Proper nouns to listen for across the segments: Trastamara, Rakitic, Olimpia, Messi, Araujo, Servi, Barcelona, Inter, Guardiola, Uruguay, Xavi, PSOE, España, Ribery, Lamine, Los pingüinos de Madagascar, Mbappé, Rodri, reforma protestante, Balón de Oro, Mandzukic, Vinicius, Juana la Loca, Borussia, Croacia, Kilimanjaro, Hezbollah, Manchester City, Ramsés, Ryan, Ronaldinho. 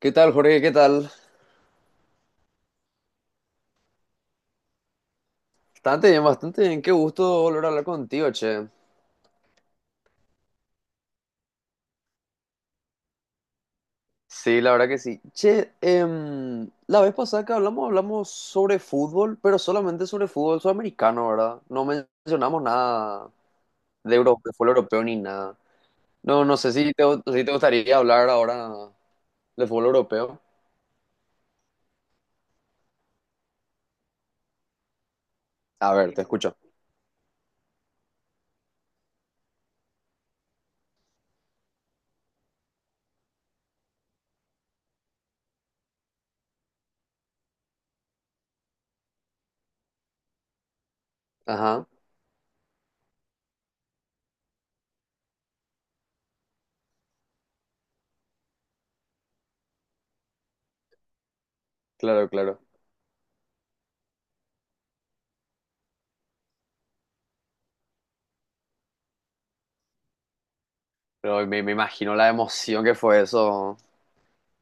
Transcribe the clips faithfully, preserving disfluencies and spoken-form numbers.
¿Qué tal, Jorge? ¿Qué tal? Bastante bien, bastante bien. Qué gusto volver a hablar contigo, che. Sí, la verdad que sí. Che, em, la vez pasada que hablamos, hablamos sobre fútbol, pero solamente sobre fútbol sudamericano, ¿verdad? No mencionamos nada de Euro- de fútbol europeo ni nada. No, no sé si te, si te gustaría hablar ahora de fútbol europeo. A ver, te escucho. Ajá, claro, claro. Pero me, me imagino la emoción que fue eso.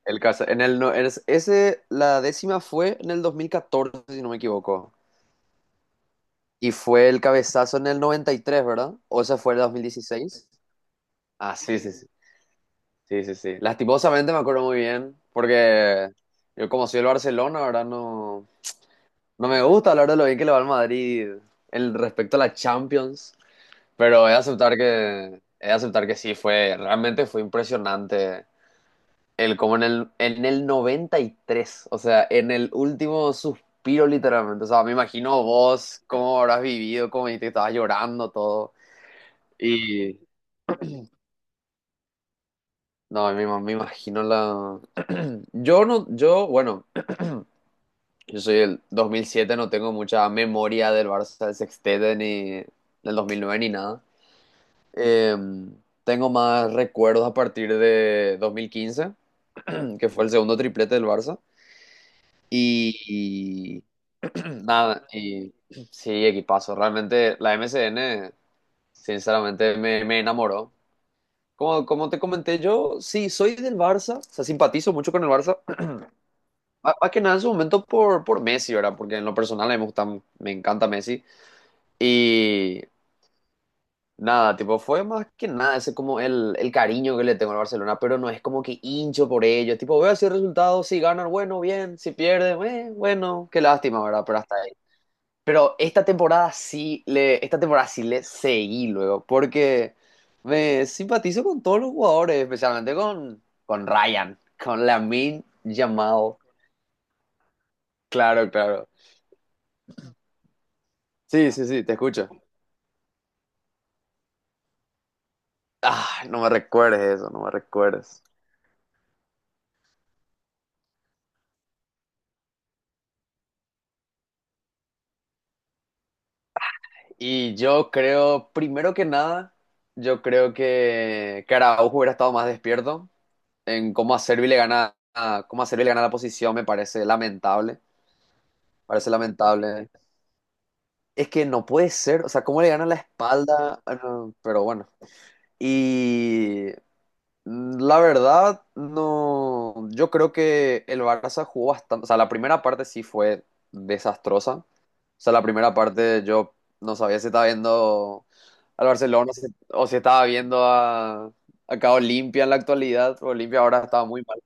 El, caso. En el, no- en ese, La décima fue en el dos mil catorce, si no me equivoco. Y fue el cabezazo en el noventa y tres, ¿verdad? ¿O ese fue el dos mil dieciséis? Ah, sí, sí, sí. Sí, sí, sí. Lastimosamente me acuerdo muy bien, porque yo como soy del Barcelona, ¿verdad? No, no me gusta hablar de lo bien que le va al Madrid el respecto a la Champions, pero he de aceptar que, he de aceptar que sí, fue, realmente fue impresionante. El, como en el, en el noventa y tres, o sea, en el último suspiro literalmente. O sea, me imagino vos cómo habrás vivido, cómo dijiste que estabas llorando, todo. Y no, me, ima- me imagino la... Yo no, yo, bueno, yo soy el dos mil siete no tengo mucha memoria del Barça del Sextete ni del dos mil nueve ni nada. Eh, tengo más recuerdos a partir de dos mil quince que fue el segundo triplete del Barça. Y, y nada, y sí, equipazo. Realmente la M S N sinceramente, me, me enamoró. Como, como te comenté, yo sí soy del Barça, o sea, simpatizo mucho con el Barça. Más, más que nada en su momento por, por Messi, ¿verdad? Porque en lo personal a mí me gusta, me encanta Messi. Y nada, tipo, fue más que nada ese como el, el cariño que le tengo al Barcelona, pero no es como que hincho por ellos. Tipo, veo así el resultado, si ganan, bueno, bien, si pierden, eh, bueno, qué lástima, ¿verdad? Pero hasta ahí. Pero esta temporada sí le, esta temporada sí le seguí luego, porque me simpatizo con todos los jugadores, especialmente con, con Ryan, con Lamine llamado. Claro, claro. Sí, sí, sí, te escucho. Ah, no me recuerdes eso, no me recuerdes. Y yo creo, primero que nada, yo creo que que Araujo hubiera estado más despierto en cómo a Servi le gana, a- cómo a Servi le gana la posición, me parece lamentable, parece lamentable. Es que no puede ser, o sea, cómo le gana la espalda. Ah, no, pero bueno. Y la verdad, no. Yo creo que el Barça jugó bastante. O sea, la primera parte sí fue desastrosa. O sea, la primera parte yo no sabía si estaba viendo al Barcelona si- o si estaba viendo a, acá Olimpia en la actualidad. Olimpia ahora estaba muy mal.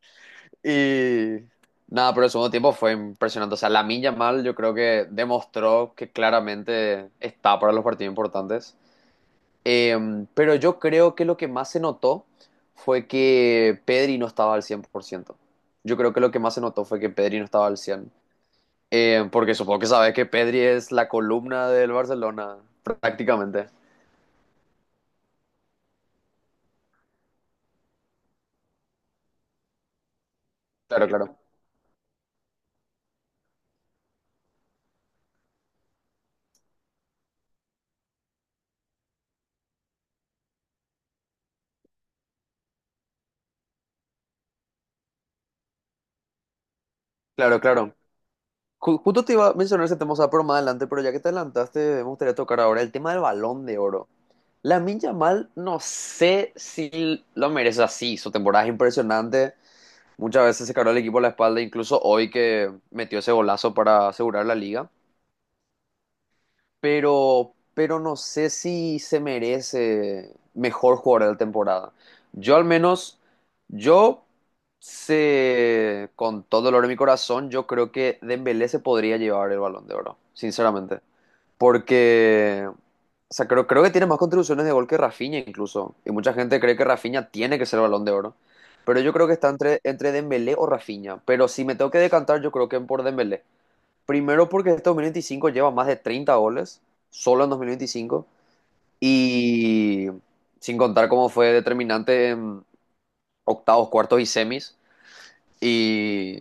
Y nada, pero el segundo tiempo fue impresionante. O sea, Lamine mal yo creo que demostró que claramente está para los partidos importantes. Em, pero yo creo que lo que más se notó fue que Pedri no estaba al cien por ciento. Yo creo que lo que más se notó fue que Pedri no estaba al cien por ciento. Em, porque supongo que sabes que Pedri es la columna del Barcelona, prácticamente. Claro, claro. Claro, claro. Ju- justo te iba a mencionar ese tema, o sea, pero más adelante, pero ya que te adelantaste, me gustaría tocar ahora el tema del Balón de Oro. Minja mal no sé si lo merece así. Su temporada es impresionante. Muchas veces se cargó el equipo a la espalda, incluso hoy que metió ese golazo para asegurar la liga. Pero, pero no sé si se merece mejor jugador de la temporada. Yo al menos, yo sé, con todo el dolor de mi corazón, yo creo que Dembélé se podría llevar el Balón de Oro, sinceramente. Porque, o sea, creo, creo que tiene más contribuciones de gol que Rafinha incluso. Y mucha gente cree que Rafinha tiene que ser el Balón de Oro. Pero yo creo que está entre, entre Dembélé o Rafinha. Pero si me tengo que decantar, yo creo que por Dembélé. Primero porque este dos mil veinticinco lleva más de treinta goles, solo en dos mil veinticinco. Y sin contar cómo fue determinante en octavos, cuartos y semis. Y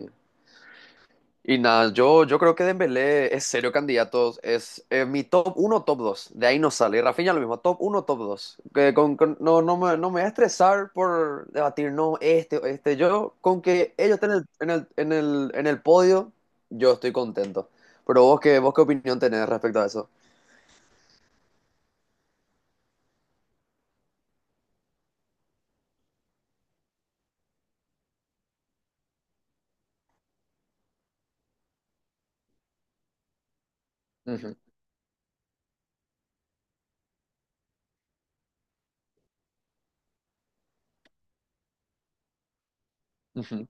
y nada, yo, yo creo que Dembélé es serio candidato, es eh, mi top uno top dos de ahí no sale. Y Rafinha lo mismo, top uno top dos. Que con, con- no, no me, no me voy a estresar por debatir, no, este, o este, yo con que ellos estén en el, en el, en el, en el podio, yo estoy contento. Pero vos qué, ¿vos qué opinión tenés respecto a eso? Ujú, ujú.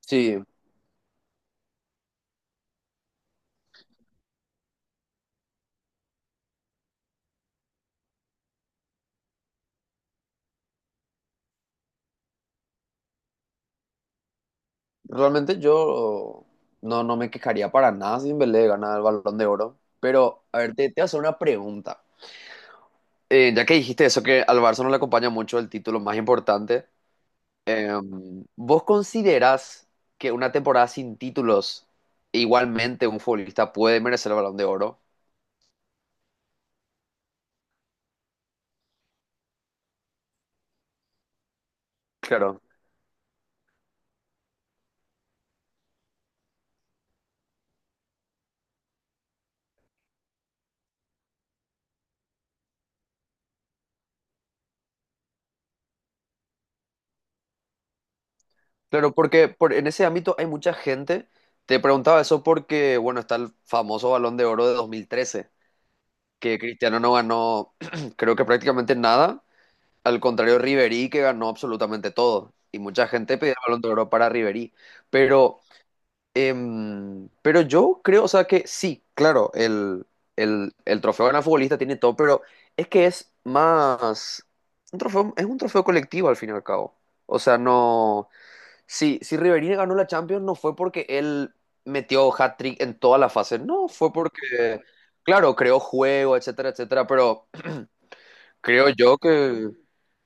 Sí, realmente yo no, no me quejaría para nada si Dembélé gana el Balón de Oro. Pero, a ver, te, te voy a hacer una pregunta. Eh, ya que dijiste eso, que al Barça no le acompaña mucho el título más importante, eh, ¿vos considerás que una temporada sin títulos igualmente un futbolista puede merecer el Balón de Oro? Claro. Claro, porque por- en ese ámbito hay mucha gente. Te preguntaba eso porque, bueno, está el famoso Balón de Oro de dos mil trece, que Cristiano no ganó, creo que prácticamente nada, al contrario de Ribery, que ganó absolutamente todo. Y mucha gente pedía el Balón de Oro para Ribery. Pero... Em, pero yo creo, o sea, que sí, claro, el, el, el trofeo de gran futbolista tiene todo, pero es que es más un trofeo, es un trofeo colectivo al fin y al cabo. O sea, no. Si, si Riverina ganó la Champions, no fue porque él metió hat-trick en todas las fases, no, fue porque, claro, creó juego, etcétera, etcétera, pero creo yo que,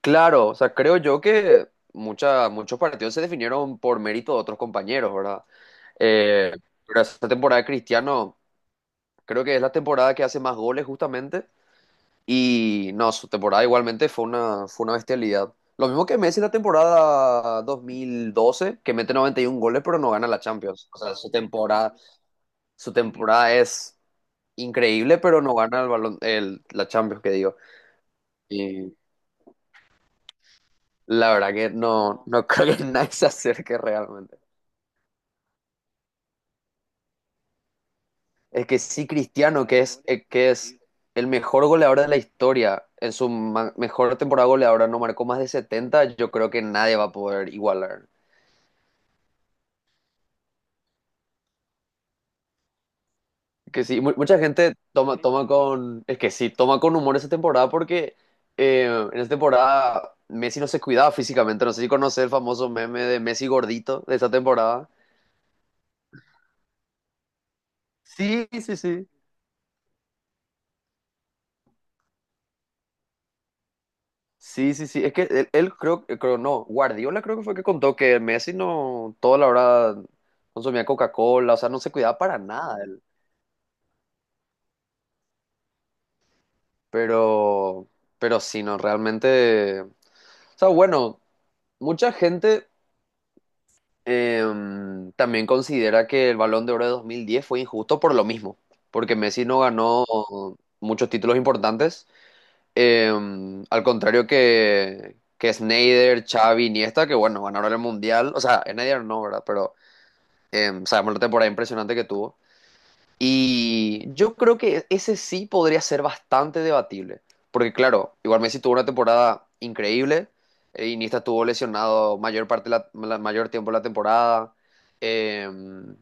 claro, o sea, creo yo que mucha- muchos partidos se definieron por mérito de otros compañeros, ¿verdad? Eh, pero esta temporada de Cristiano, creo que es la temporada que hace más goles justamente. Y no, su temporada igualmente fue una, fue una bestialidad. Lo mismo que Messi en la temporada dos mil doce que mete noventa y uno goles pero no gana la Champions. O sea, su temporada, su temporada es increíble, pero no gana el balón, el, la Champions, que digo. La verdad que no, no creo que nadie se acerque realmente. Es que sí, Cristiano, que es, eh, que es el mejor goleador de la historia, en su ma- mejor temporada goleadora no marcó más de setenta, yo creo que nadie va a poder igualar. Que sí, mu- mucha gente toma, toma con, es que sí, toma con humor esa temporada porque eh, en esa temporada Messi no se cuidaba físicamente. No sé si conoces el famoso meme de Messi gordito de esa temporada. Sí, sí, sí. Sí, sí, sí. Es que él, él creo, eh, creo, no, Guardiola creo que fue que contó que Messi no, toda la hora consumía Coca-Cola, o sea, no se cuidaba para nada él. Pero, pero sí, no, realmente. O sea, bueno, mucha gente em, también considera que el Balón de Oro de dos mil diez fue injusto por lo mismo, porque Messi no ganó muchos títulos importantes. em, al contrario que, que Snyder, Xavi, Iniesta, que bueno, ganaron el Mundial. O sea, Snyder no, ¿verdad? Pero... Em, sabemos la temporada impresionante que tuvo. Y yo creo que ese sí podría ser bastante debatible. Porque claro, igual Messi tuvo una temporada increíble. eh, Iniesta estuvo lesionado mayor parte de la, la- mayor tiempo de la temporada. Em,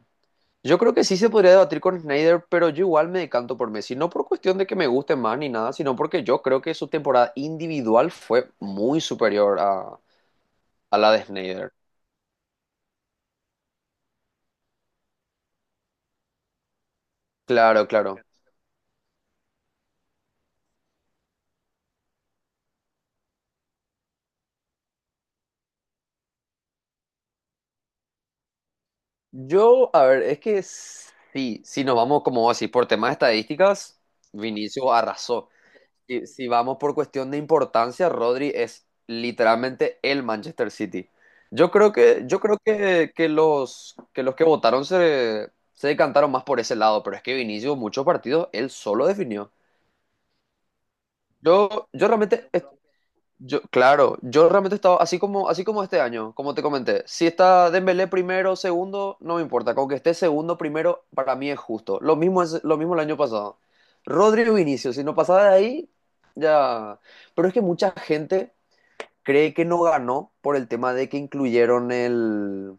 yo creo que sí se podría debatir con Snyder, pero yo igual me decanto por Messi. No por cuestión de que me guste más ni nada, sino porque yo creo que su temporada individual fue muy superior a, a la de Snyder. Claro, claro. Yo, a ver, es que sí, si nos vamos como así por temas de estadísticas, Vinicius arrasó. Y si vamos por cuestión de importancia, Rodri es literalmente el Manchester City. Yo creo que, yo creo que, que los, que los que votaron se, se decantaron más por ese lado, pero es que Vinicius muchos partidos él solo definió. Yo, yo realmente, yo, claro, yo realmente estaba así como, así como este año, como te comenté. Si está Dembélé primero, segundo, no me importa. Con que esté segundo, primero, para mí es justo. Lo mismo es, lo mismo el año pasado. Rodrigo Vinicius, si no pasaba de ahí, ya. Pero es que mucha gente cree que no ganó por el tema de que incluyeron el,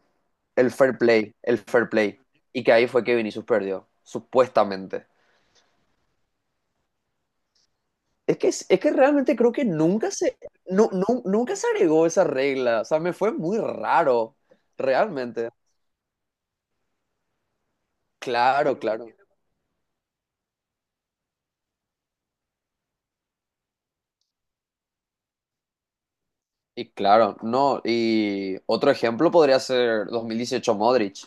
el fair play, el fair play. Y que ahí fue que Vinicius perdió, supuestamente. Es que, es que realmente creo que nunca se, no, no- nunca se agregó esa regla. O sea, me fue muy raro, realmente. Claro, claro. Y claro, no. Y otro ejemplo podría ser dos mil dieciocho Modric,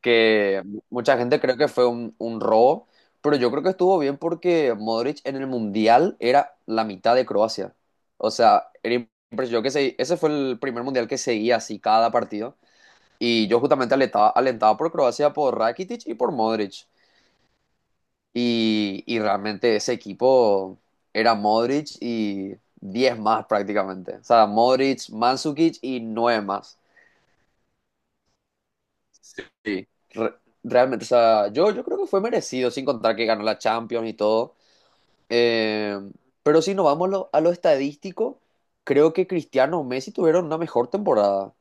que mucha gente cree que fue un, un robo, pero yo creo que estuvo bien porque Modric en el Mundial era la mitad de Croacia. O sea, era impresionante. Yo que se- ese fue el primer Mundial que seguía así cada partido. Y yo justamente alentaba, alentaba por Croacia, por Rakitic y por Modric. Y, y realmente ese equipo era Modric y diez más prácticamente. O sea, Modric, Mandzukic y nueve más. Sí. Re- realmente, o sea, yo, yo creo que fue merecido, sin contar que ganó la Champions y todo. Eh, pero si nos vamos a lo- a lo estadístico, creo que Cristiano o Messi tuvieron una mejor temporada.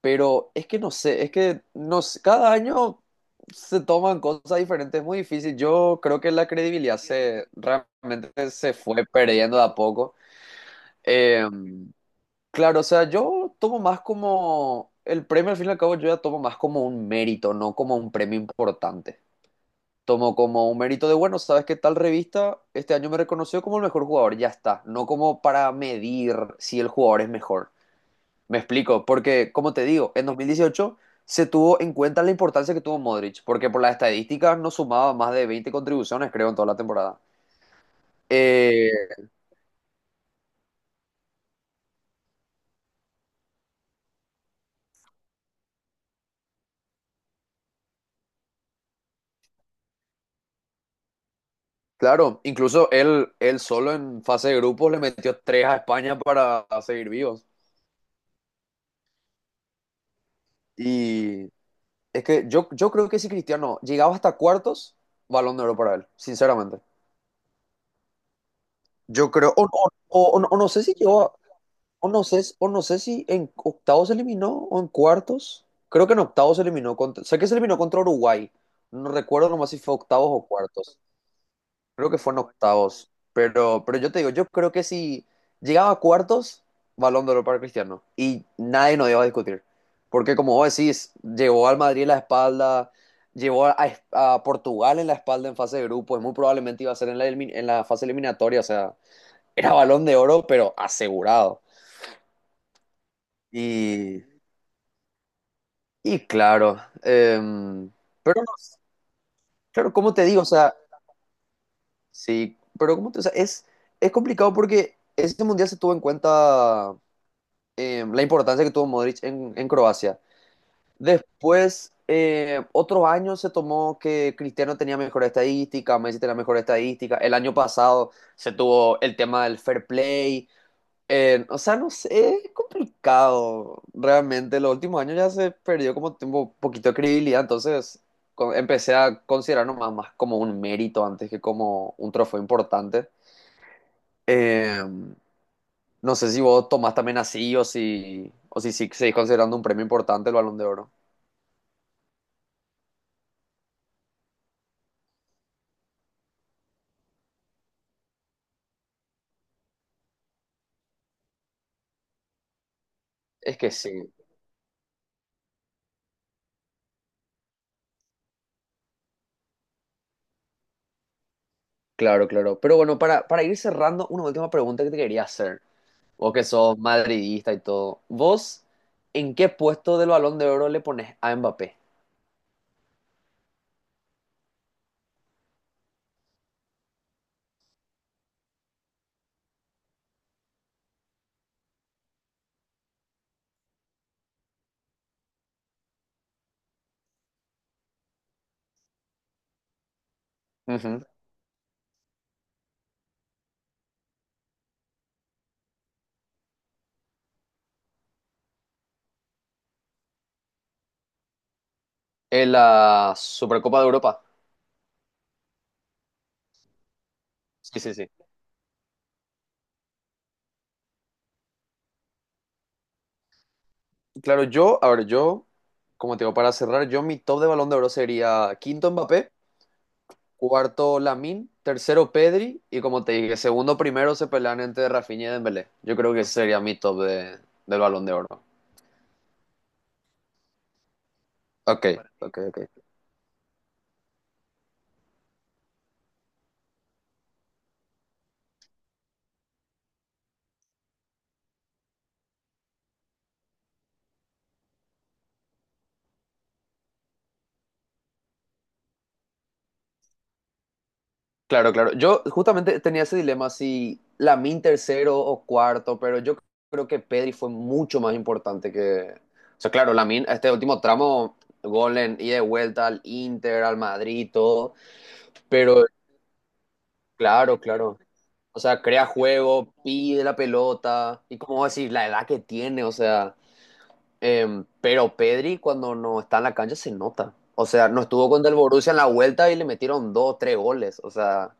Pero es que no sé, es que no sé, cada año se toman cosas diferentes, es muy difícil. Yo creo que la credibilidad se realmente se fue perdiendo de a poco. Eh, claro, o sea, yo tomo más como el premio, al fin y al cabo, yo ya tomo más como un mérito, no como un premio importante. Tomo como un mérito de, bueno, sabes que tal revista este año me reconoció como el mejor jugador, ya está. No como para medir si el jugador es mejor. Me explico, porque como te digo, en dos mil dieciocho se tuvo en cuenta la importancia que tuvo Modric, porque por las estadísticas no sumaba más de veinte contribuciones, creo, en toda la temporada. Eh, claro, incluso él, él solo en fase de grupos le metió tres a España para seguir vivos. Y es que yo, yo creo que si Cristiano llegaba hasta cuartos, balón de oro para él, sinceramente. Yo creo, o, o- o- o no o no sé si llegó, a- o no sé, o no sé si en octavos se eliminó o en cuartos. Creo que en octavos se eliminó contra, sé que se eliminó contra Uruguay. No recuerdo nomás si fue octavos o cuartos. Creo que fue en octavos. Pero, pero yo te digo, yo creo que si llegaba a cuartos, Balón de Oro para Cristiano. Y nadie nos iba a discutir. Porque como vos decís, llevó al Madrid en la espalda, llevó a, a Portugal en la espalda en fase de grupos. Muy probablemente iba a ser en la, elimi- en la fase eliminatoria. O sea, era Balón de Oro, pero asegurado. Y Y claro, em, pero no, claro, como te digo, o sea, sí, pero como te, o sea, es, es complicado porque ese mundial se tuvo en cuenta em, la importancia que tuvo Modric en, en Croacia. Después, eh, otros años se tomó que Cristiano tenía mejor estadística, Messi tenía mejor estadística. El año pasado se tuvo el tema del fair play. Eh, o sea, no sé, es complicado. Realmente, los últimos años ya se perdió como tiempo, un poquito de credibilidad, entonces co- empecé a considerarlo más, más como un mérito antes que como un trofeo importante. Eh, no sé si vos tomás también así o si, o si sí seguís considerando un premio importante el Balón de Oro. Es que sí, claro, claro. Pero bueno, para, para ir cerrando, una última pregunta que te quería hacer. Vos que sos madridista y todo, ¿vos en qué puesto del Balón de Oro le pones a Mbappé? Ujú. En la Supercopa de Europa. Sí, sí, sí. Claro, yo, a ver, yo, como te digo, para cerrar, yo mi top de Balón de Oro sería quinto Mbappé, cuarto Lamine, tercero Pedri y como te dije, segundo primero se pelean entre Rafinha y Dembélé. Yo creo que ese sería mi top de, del Balón de Oro. Ok, ok, ok. Claro, claro. Yo justamente tenía ese dilema si Lamin tercero o cuarto, pero yo creo que Pedri fue mucho más importante que... O sea, claro, Lamin, este último tramo, gol en ida y de vuelta al Inter, al Madrid, todo, pero claro, claro. O sea, crea juego, pide la pelota, y como decir, la edad que tiene, o sea... em, pero Pedri cuando no está en la cancha se nota. O sea, no estuvo con el Borussia en la vuelta y le metieron dos, tres goles. O sea,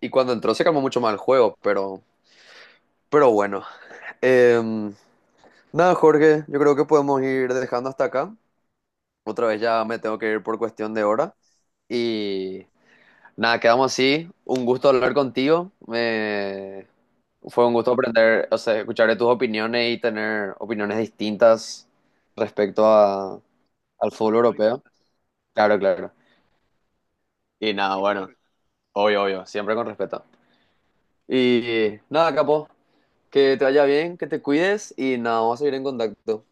y cuando entró se calmó mucho más el juego, pero, pero bueno. Em, Nada, Jorge, yo creo que podemos ir dejando hasta acá. Otra vez ya me tengo que ir por cuestión de hora. Y nada, quedamos así. Un gusto hablar contigo. Me... Fue un gusto aprender, o sea, escuchar tus opiniones y tener opiniones distintas respecto a, al fútbol europeo. Claro, claro. Y nada, bueno, obvio, obvio, siempre con respeto. Y nada, capo, que te vaya bien, que te cuides y nada, vamos a seguir en contacto.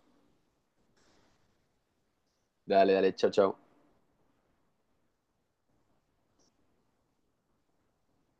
Dale, dale, chao, chao.